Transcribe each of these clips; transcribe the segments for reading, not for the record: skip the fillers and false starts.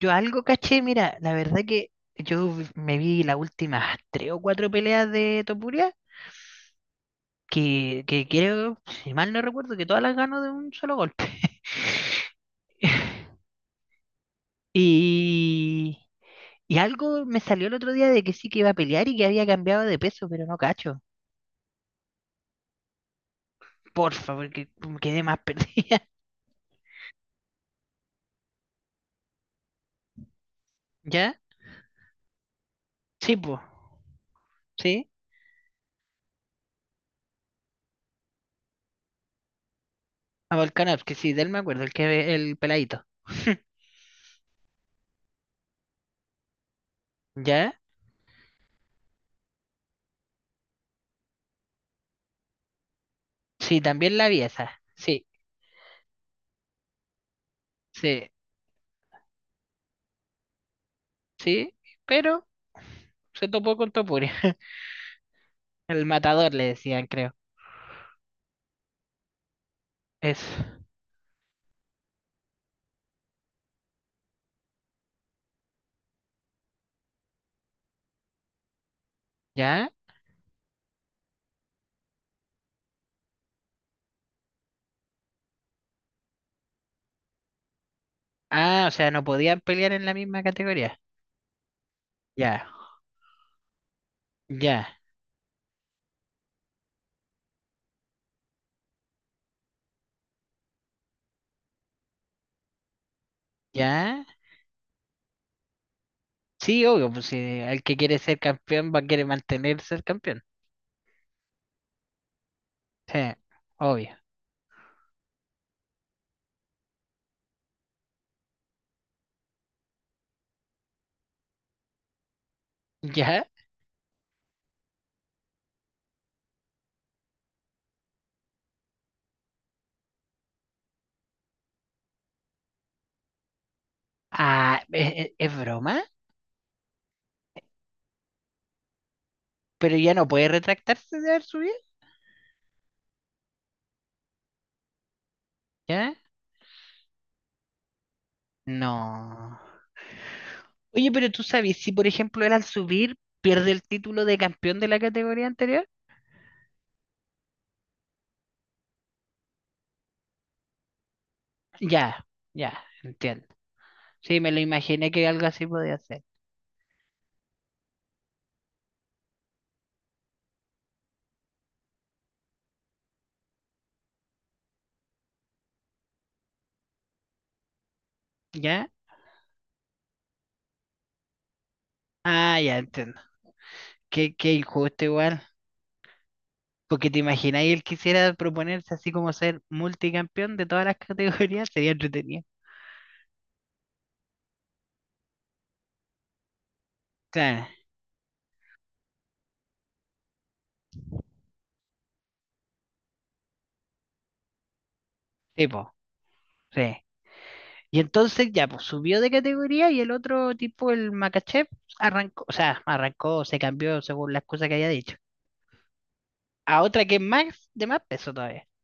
Yo algo caché, mira, la verdad que me vi las últimas tres o cuatro peleas de Topuria, que creo, si mal no recuerdo, que todas las ganó de un solo golpe. Y, algo me salió el otro día de que sí que iba a pelear y que había cambiado de peso, pero no cacho. Por favor, que me quedé más perdida. ¿Ya? Sí, pues. Sí. A Volkanovski, que sí, de él me acuerdo, el que el peladito. ¿Ya? Sí, también la vi esa. Sí, sí, sí. Pero se topó con Topuri. El matador le decían, creo. Eso. ¿Ya? Ah, o sea, no podían pelear en la misma categoría. Ya, ya, ya. Sí, obvio, pues si el que quiere ser campeón va a querer mantener ser campeón. Sí, obvio. ¿Ya? Ah, es broma? ¿Pero ya no puede retractarse de haber subido? ¿Ya? No. Oye, pero tú sabes, si por ejemplo él al subir pierde el título de campeón de la categoría anterior. Ya, ya, entiendo. Sí, me lo imaginé que algo así podía hacer. ¿Ya? Ah, ya entiendo. Qué injusto igual. Porque te imaginas, él quisiera proponerse así como ser multicampeón de todas las categorías, sería entretenido. Claro, tipo, sí. Y entonces ya, pues subió de categoría y el otro tipo, el Makachev, arrancó, o sea, arrancó, se cambió según las cosas que había dicho. A otra que es más, de más peso todavía.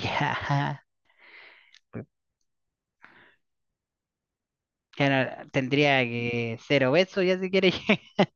Ya. Ya Tendría que ser obeso ya si quiere.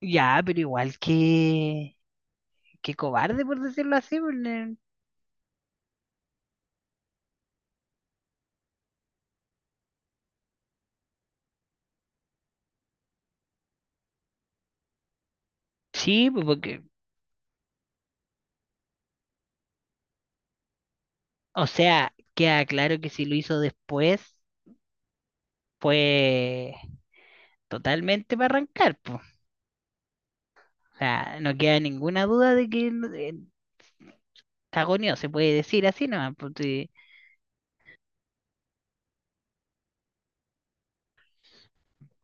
Ya, pero igual que... qué cobarde por decirlo así, pues, Sí, pues, porque, o sea, queda claro que si lo hizo después fue totalmente para arrancar, pues. O sea, no queda ninguna duda de que cagoneó, se puede decir así nomás, pues, sí.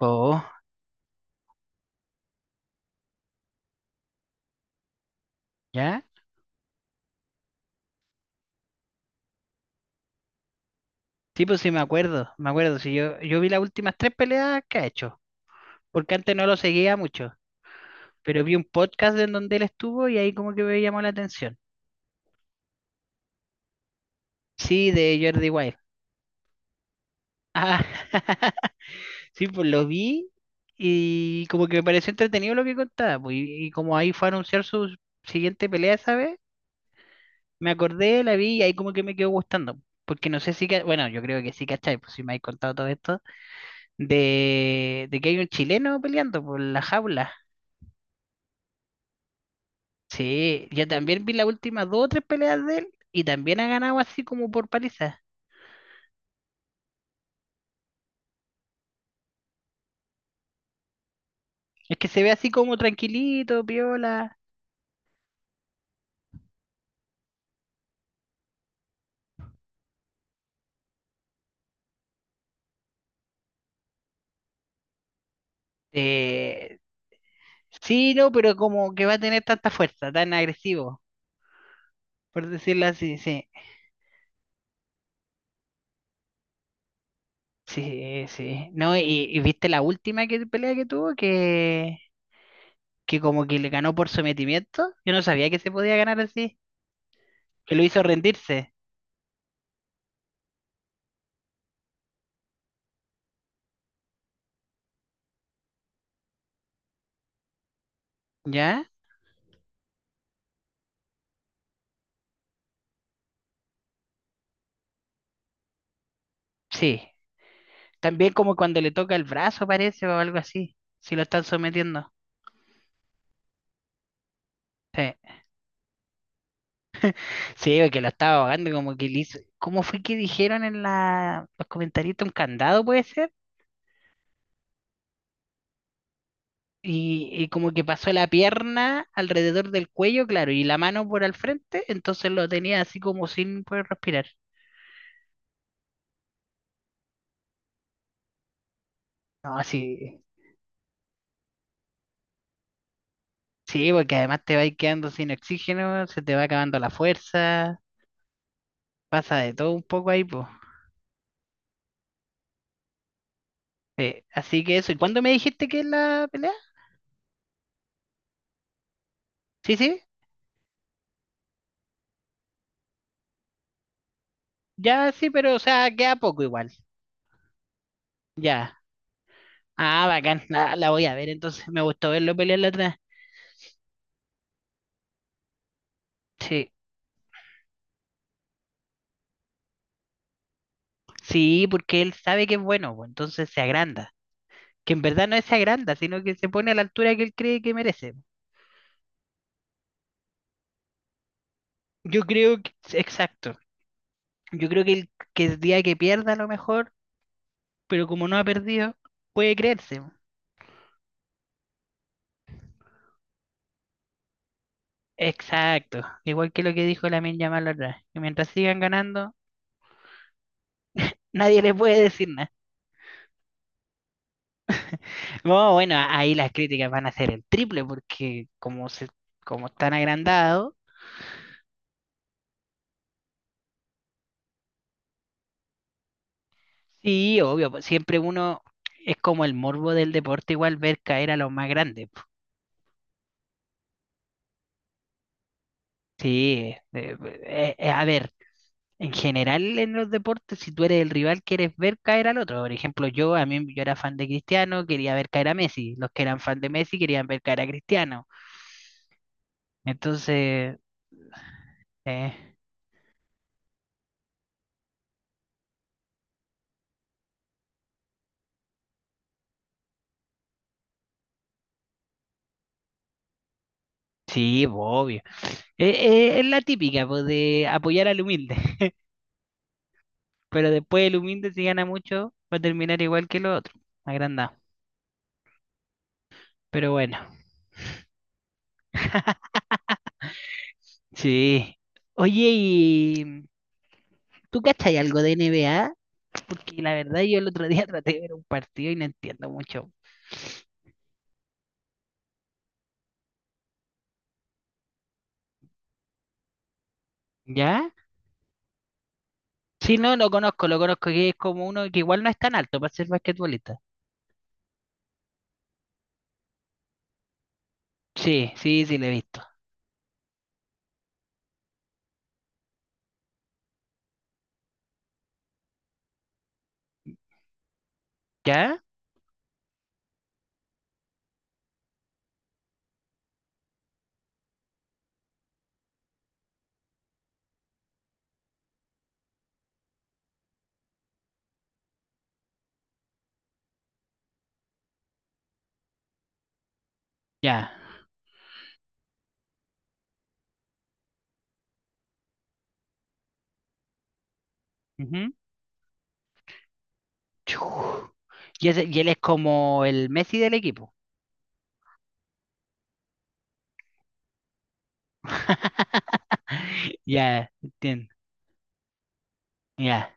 Oh, ¿ya? Sí, pues sí, me acuerdo, sí, yo vi las últimas tres peleas que ha hecho, porque antes no lo seguía mucho, pero vi un podcast en donde él estuvo y ahí como que me llamó la atención. Sí, de Jordi Wild. Ah, sí, pues lo vi y como que me pareció entretenido lo que contaba, pues, y como ahí fue a anunciar su siguiente pelea esa vez, me acordé, la vi y ahí como que me quedó gustando. Porque no sé si, bueno, yo creo que sí, ¿cachai? Pues si me habéis contado todo esto, de que hay un chileno peleando por la jaula. Sí, yo también vi las últimas dos o tres peleas de él y también ha ganado así como por paliza. Es que se ve así como tranquilito, piola. Eh, sí, no, pero como que va a tener tanta fuerza, tan agresivo, por decirlo así, sí, sí. No, y viste la última pelea que tuvo, que como que le ganó por sometimiento. Yo no sabía que se podía ganar así, que lo hizo rendirse, ¿ya? Sí. También como cuando le toca el brazo, parece, o algo así, si lo están sometiendo. Sí, sí, que lo estaba ahogando, como que le hizo. ¿Cómo fue que dijeron en la, los comentarios? ¿Un candado puede ser? Y como que pasó la pierna alrededor del cuello, claro, y la mano por al frente, entonces lo tenía así como sin poder respirar. No, sí, sí, porque además te vas quedando sin oxígeno, se te va acabando la fuerza, pasa de todo un poco ahí, pues. Sí, así que eso, ¿y cuándo me dijiste que es la pelea? Sí, ya, pero o sea, queda poco igual, ya. Ah, bacán, la voy a ver, entonces me gustó verlo pelear la otra vez. Sí, sí, porque él sabe que es bueno, pues, entonces se agranda. Que en verdad no se agranda, sino que se pone a la altura que él cree que merece. Yo creo que, exacto, yo creo que que el día que pierda a lo mejor, pero como no ha perdido, puede creerse. Exacto, igual que lo que dijo Lamine Yamal la otra vez, que mientras sigan ganando, nadie les puede decir nada. No, bueno, ahí las críticas van a ser el triple, porque como están agrandados, sí, obvio, pues siempre uno es como el morbo del deporte, igual ver caer a los más grandes, po. Sí, a ver, en general, en los deportes, si tú eres el rival, quieres ver caer al otro. Por ejemplo, yo a mí yo era fan de Cristiano, quería ver caer a Messi. Los que eran fan de Messi querían ver caer a Cristiano. Entonces, eh, sí, pues, obvio. Es la típica, pues, de apoyar al humilde. Pero después el humilde, si gana mucho, va a terminar igual que el otro, agrandado. Pero bueno, sí. Oye, ¿y tú cachai algo de NBA? Porque la verdad yo el otro día traté de ver un partido y no entiendo mucho. ¿Ya? Sí, no, lo conozco, que es como uno que igual no es tan alto para ser basquetbolista. Sí, sí, sí, lo he visto. ¿Ya? Ya. Ujú. Chu. Y, y él es como el Messi del equipo. Ya, entiendo. Ya,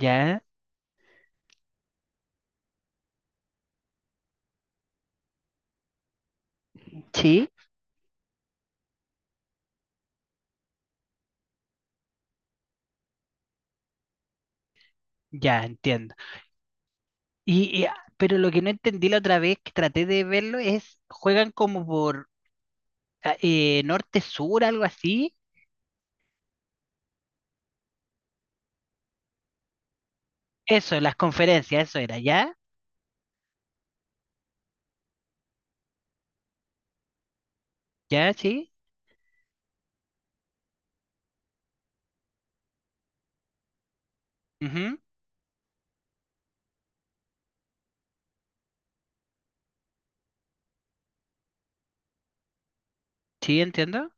ya. Sí, ya, entiendo. Y, y- pero lo que no entendí la otra vez que traté de verlo es, juegan como por ah, norte-sur, algo así. Eso, las conferencias, eso era, ¿ya? ¿Ya? Sí. Ujú. Sí, entiendo.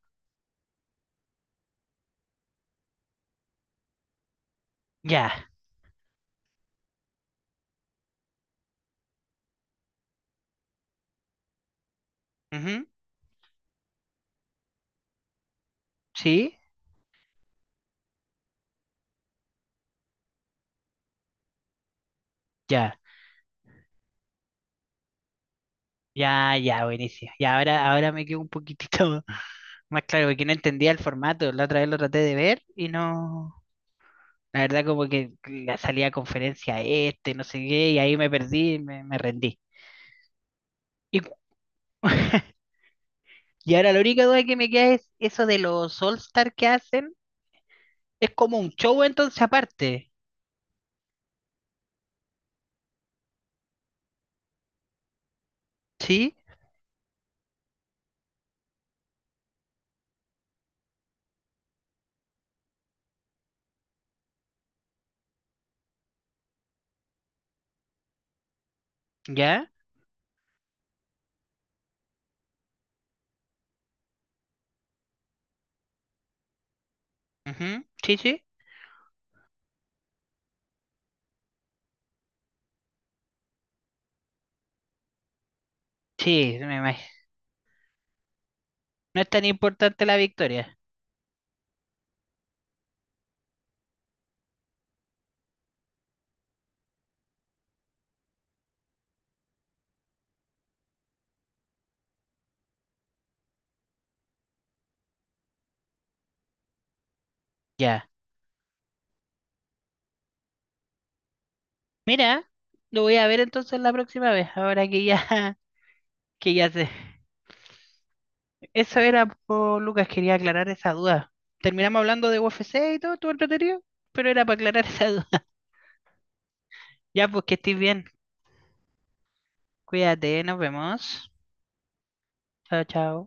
Ya. Ujú, sí, ya, ya, buenísimo. Y ahora me quedo un poquitito más claro, porque no entendía el formato. La otra vez lo traté de ver y no. La verdad, como que la salía a conferencia este, no sé qué, y ahí me perdí, me rendí. Y, cu- y ahora la única duda que me queda es eso de los All-Star que hacen. Es como un show entonces aparte. ¿Sí? ¿Ya? Ujú, sí, sí. Sí, me imag- No es tan importante la victoria. Ya, mira, lo voy a ver entonces la próxima vez, ahora que ya, que ya sé. Eso era, po, Lucas, quería aclarar esa duda. Terminamos hablando de UFC y todo, todo entretenido, pero era para aclarar esa duda. Ya, pues que estés bien. Cuídate, nos vemos. Chao, chao.